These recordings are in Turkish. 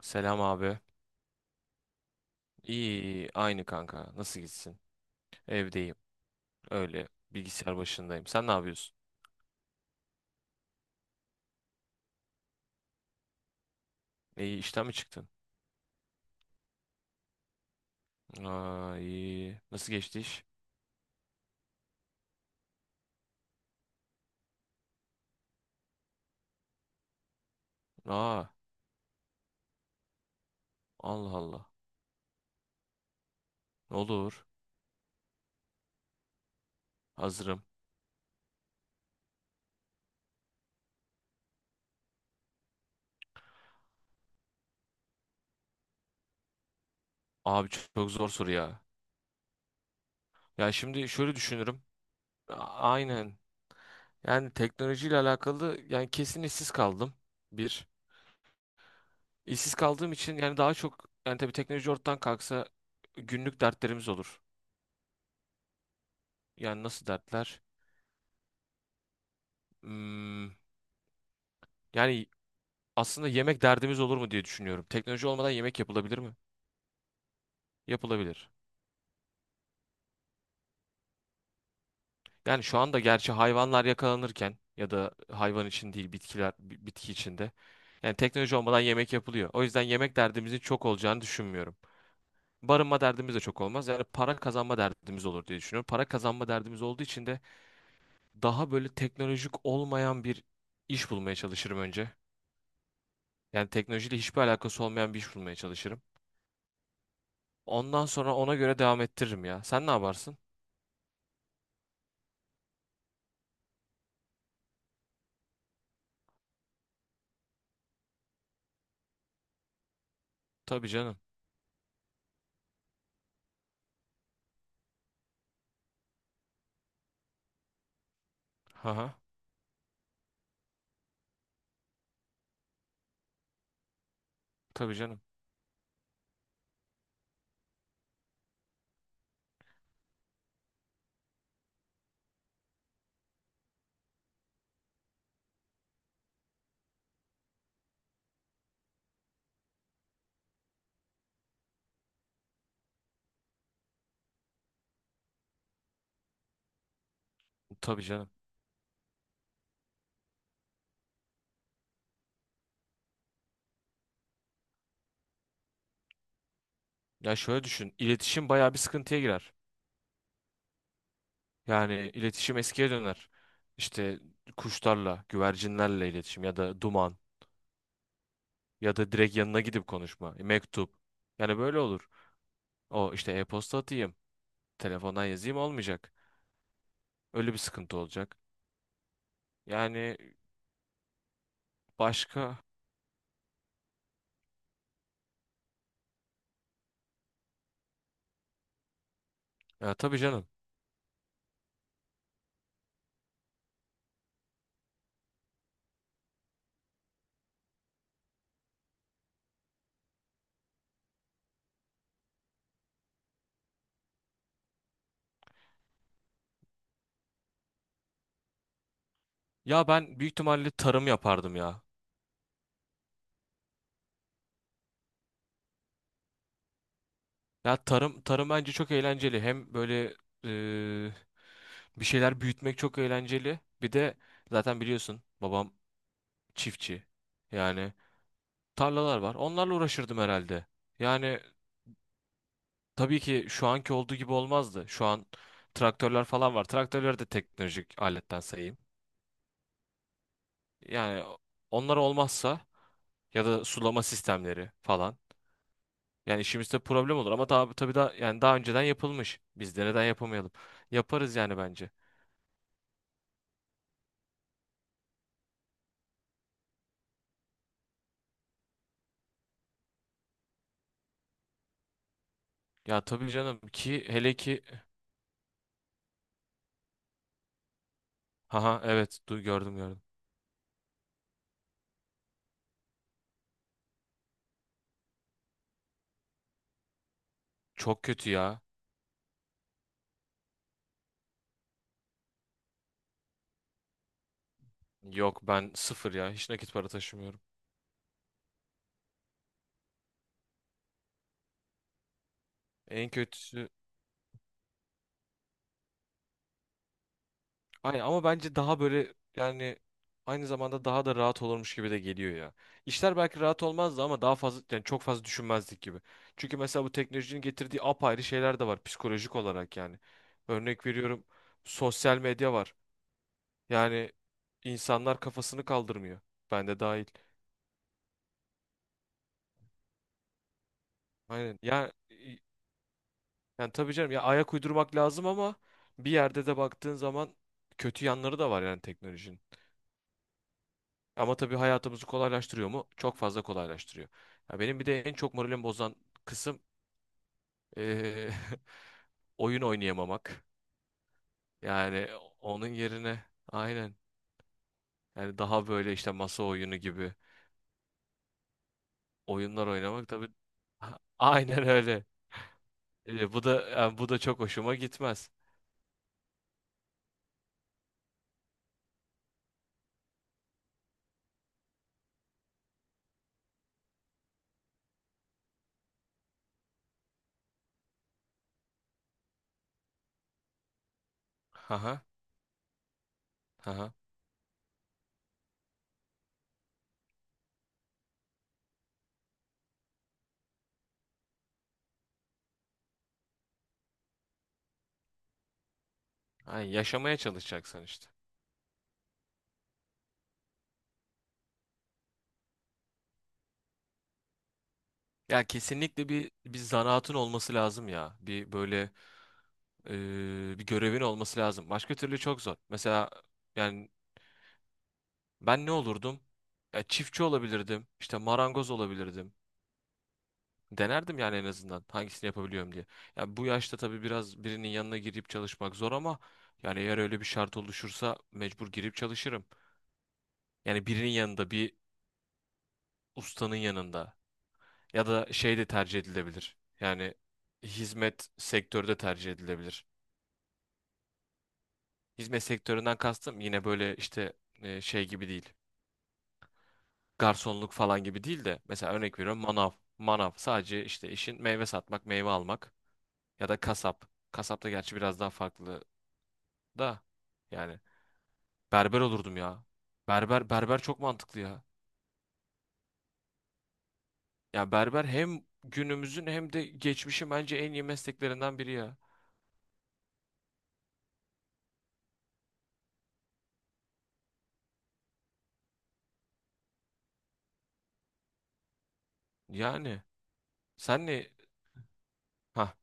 Selam abi. İyi, iyi, aynı kanka. Nasıl gitsin? Evdeyim. Öyle. Bilgisayar başındayım. Sen ne yapıyorsun? İyi, işten mi çıktın? Aa, iyi. Nasıl geçti iş? Aa, Allah Allah. Ne olur. Hazırım. Abi çok zor soru ya. Ya şimdi şöyle düşünürüm. A- Aynen. Yani teknolojiyle alakalı, yani kesin işsiz kaldım. Bir. İşsiz kaldığım için, yani daha çok yani tabii teknoloji ortadan kalksa günlük dertlerimiz olur. Yani nasıl dertler? Hmm, yani aslında yemek derdimiz olur mu diye düşünüyorum. Teknoloji olmadan yemek yapılabilir mi? Yapılabilir. Yani şu anda gerçi hayvanlar yakalanırken ya da hayvan için değil, bitkiler bitki içinde. Yani teknoloji olmadan yemek yapılıyor. O yüzden yemek derdimizin çok olacağını düşünmüyorum. Barınma derdimiz de çok olmaz. Yani para kazanma derdimiz olur diye düşünüyorum. Para kazanma derdimiz olduğu için de daha böyle teknolojik olmayan bir iş bulmaya çalışırım önce. Yani teknolojiyle hiçbir alakası olmayan bir iş bulmaya çalışırım. Ondan sonra ona göre devam ettiririm ya. Sen ne yaparsın? Tabii canım. Haha. Tabii canım. Tabii canım. Ya şöyle düşün, İletişim bayağı bir sıkıntıya girer. Yani iletişim eskiye döner. İşte kuşlarla, güvercinlerle iletişim ya da duman ya da direkt yanına gidip konuşma, mektup. Yani böyle olur. O işte e-posta atayım, telefondan yazayım olmayacak. Öyle bir sıkıntı olacak. Yani başka? Ya tabii canım. Ya ben büyük ihtimalle tarım yapardım ya. Ya tarım bence çok eğlenceli. Hem böyle e, bir şeyler büyütmek çok eğlenceli. Bir de zaten biliyorsun, babam çiftçi. Yani tarlalar var. Onlarla uğraşırdım herhalde. Yani tabii ki şu anki olduğu gibi olmazdı. Şu an traktörler falan var. Traktörleri de teknolojik aletten sayayım. Yani onlar olmazsa ya da sulama sistemleri falan. Yani işimizde problem olur, ama tabii da yani daha önceden yapılmış. Biz de neden yapamayalım? Yaparız yani bence. Ya tabii canım ki, hele ki haha evet, gördüm, gördüm. Çok kötü ya. Yok, ben sıfır ya. Hiç nakit para taşımıyorum. En kötüsü, ay, ama bence daha böyle, yani aynı zamanda daha da rahat olurmuş gibi de geliyor ya. İşler belki rahat olmazdı ama daha fazla, yani çok fazla düşünmezdik gibi. Çünkü mesela bu teknolojinin getirdiği apayrı şeyler de var psikolojik olarak yani. Örnek veriyorum, sosyal medya var. Yani insanlar kafasını kaldırmıyor. Ben de dahil. Aynen. Ya, yani tabii canım ya, ayak uydurmak lazım, ama bir yerde de baktığın zaman kötü yanları da var yani teknolojinin. Ama tabii hayatımızı kolaylaştırıyor mu? Çok fazla kolaylaştırıyor. Ya benim bir de en çok moralimi bozan kısım eee, oyun oynayamamak. Yani onun yerine aynen, yani daha böyle işte masa oyunu gibi oyunlar oynamak tabii aynen öyle. Bu da yani bu da çok hoşuma gitmez. Haha. Haha. Yani yaşamaya çalışacaksın işte. Ya kesinlikle bir zanaatın olması lazım ya. Bir böyle bir görevin olması lazım. Başka türlü çok zor. Mesela yani ben ne olurdum? Ya çiftçi olabilirdim, işte marangoz olabilirdim. Denerdim yani en azından hangisini yapabiliyorum diye. Ya bu yaşta tabii biraz birinin yanına girip çalışmak zor, ama yani eğer öyle bir şart oluşursa mecbur girip çalışırım. Yani birinin yanında, bir ustanın yanında ya da şey de tercih edilebilir. Yani hizmet sektörü de tercih edilebilir. Hizmet sektöründen kastım yine böyle işte şey gibi değil. Garsonluk falan gibi değil de mesela örnek veriyorum manav. Manav sadece işte işin meyve satmak, meyve almak ya da kasap. Kasap da gerçi biraz daha farklı da yani berber olurdum ya. Berber çok mantıklı ya. Ya berber hem günümüzün hem de geçmişin bence en iyi mesleklerinden biri ya. Yani sen ne, ha,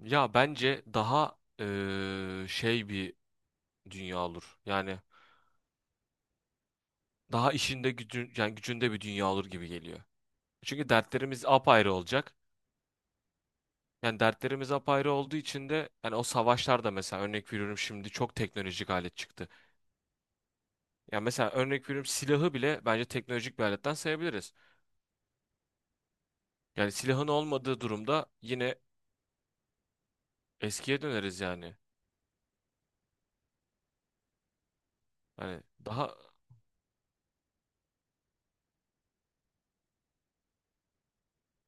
ya bence daha şey bir dünya olur. Yani daha işinde gücün, yani gücünde bir dünya olur gibi geliyor. Çünkü dertlerimiz apayrı olacak. Yani dertlerimiz apayrı olduğu için de yani o savaşlarda mesela örnek veriyorum şimdi çok teknolojik alet çıktı. Yani mesela örnek veriyorum silahı bile bence teknolojik bir aletten sayabiliriz. Yani silahın olmadığı durumda yine eskiye döneriz yani. Hani daha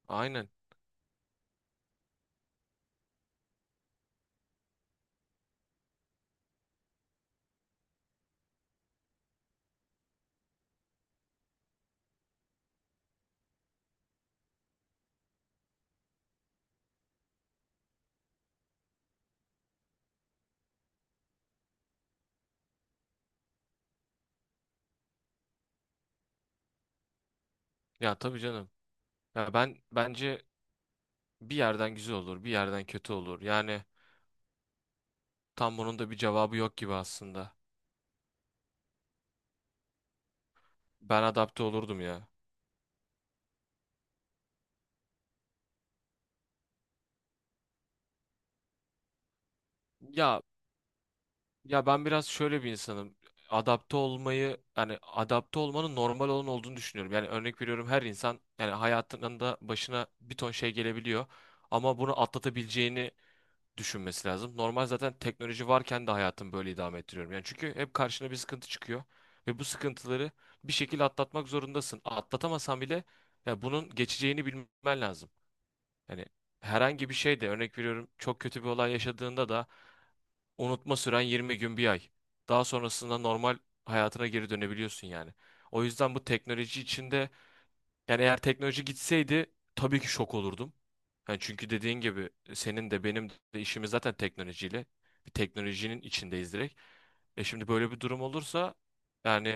aynen. Ya tabii canım. Ya ben bence bir yerden güzel olur, bir yerden kötü olur. Yani tam bunun da bir cevabı yok gibi aslında. Ben adapte olurdum ya. Ya, ya ben biraz şöyle bir insanım. Adapte olmayı, yani adapte olmanın normal olan olduğunu düşünüyorum. Yani örnek veriyorum her insan yani hayatında başına bir ton şey gelebiliyor ama bunu atlatabileceğini düşünmesi lazım. Normal, zaten teknoloji varken de hayatımı böyle idame ettiriyorum. Yani çünkü hep karşına bir sıkıntı çıkıyor ve bu sıkıntıları bir şekilde atlatmak zorundasın. Atlatamasan bile ya bunun geçeceğini bilmen lazım. Yani herhangi bir şey de örnek veriyorum, çok kötü bir olay yaşadığında da unutma süren 20 gün, bir ay. Daha sonrasında normal hayatına geri dönebiliyorsun yani. O yüzden bu teknoloji içinde, yani eğer teknoloji gitseydi tabii ki şok olurdum. Yani çünkü dediğin gibi senin de benim de işimiz zaten teknolojiyle. Bir teknolojinin içindeyiz direkt. E şimdi böyle bir durum olursa yani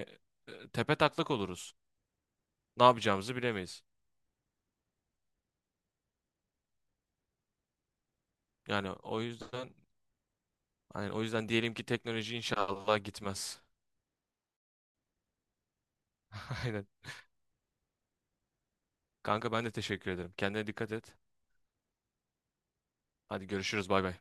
tepe taklak oluruz. Ne yapacağımızı bilemeyiz. Yani o yüzden, yani o yüzden diyelim ki teknoloji inşallah gitmez. Aynen. Kanka ben de teşekkür ederim. Kendine dikkat et. Hadi görüşürüz, bay bay.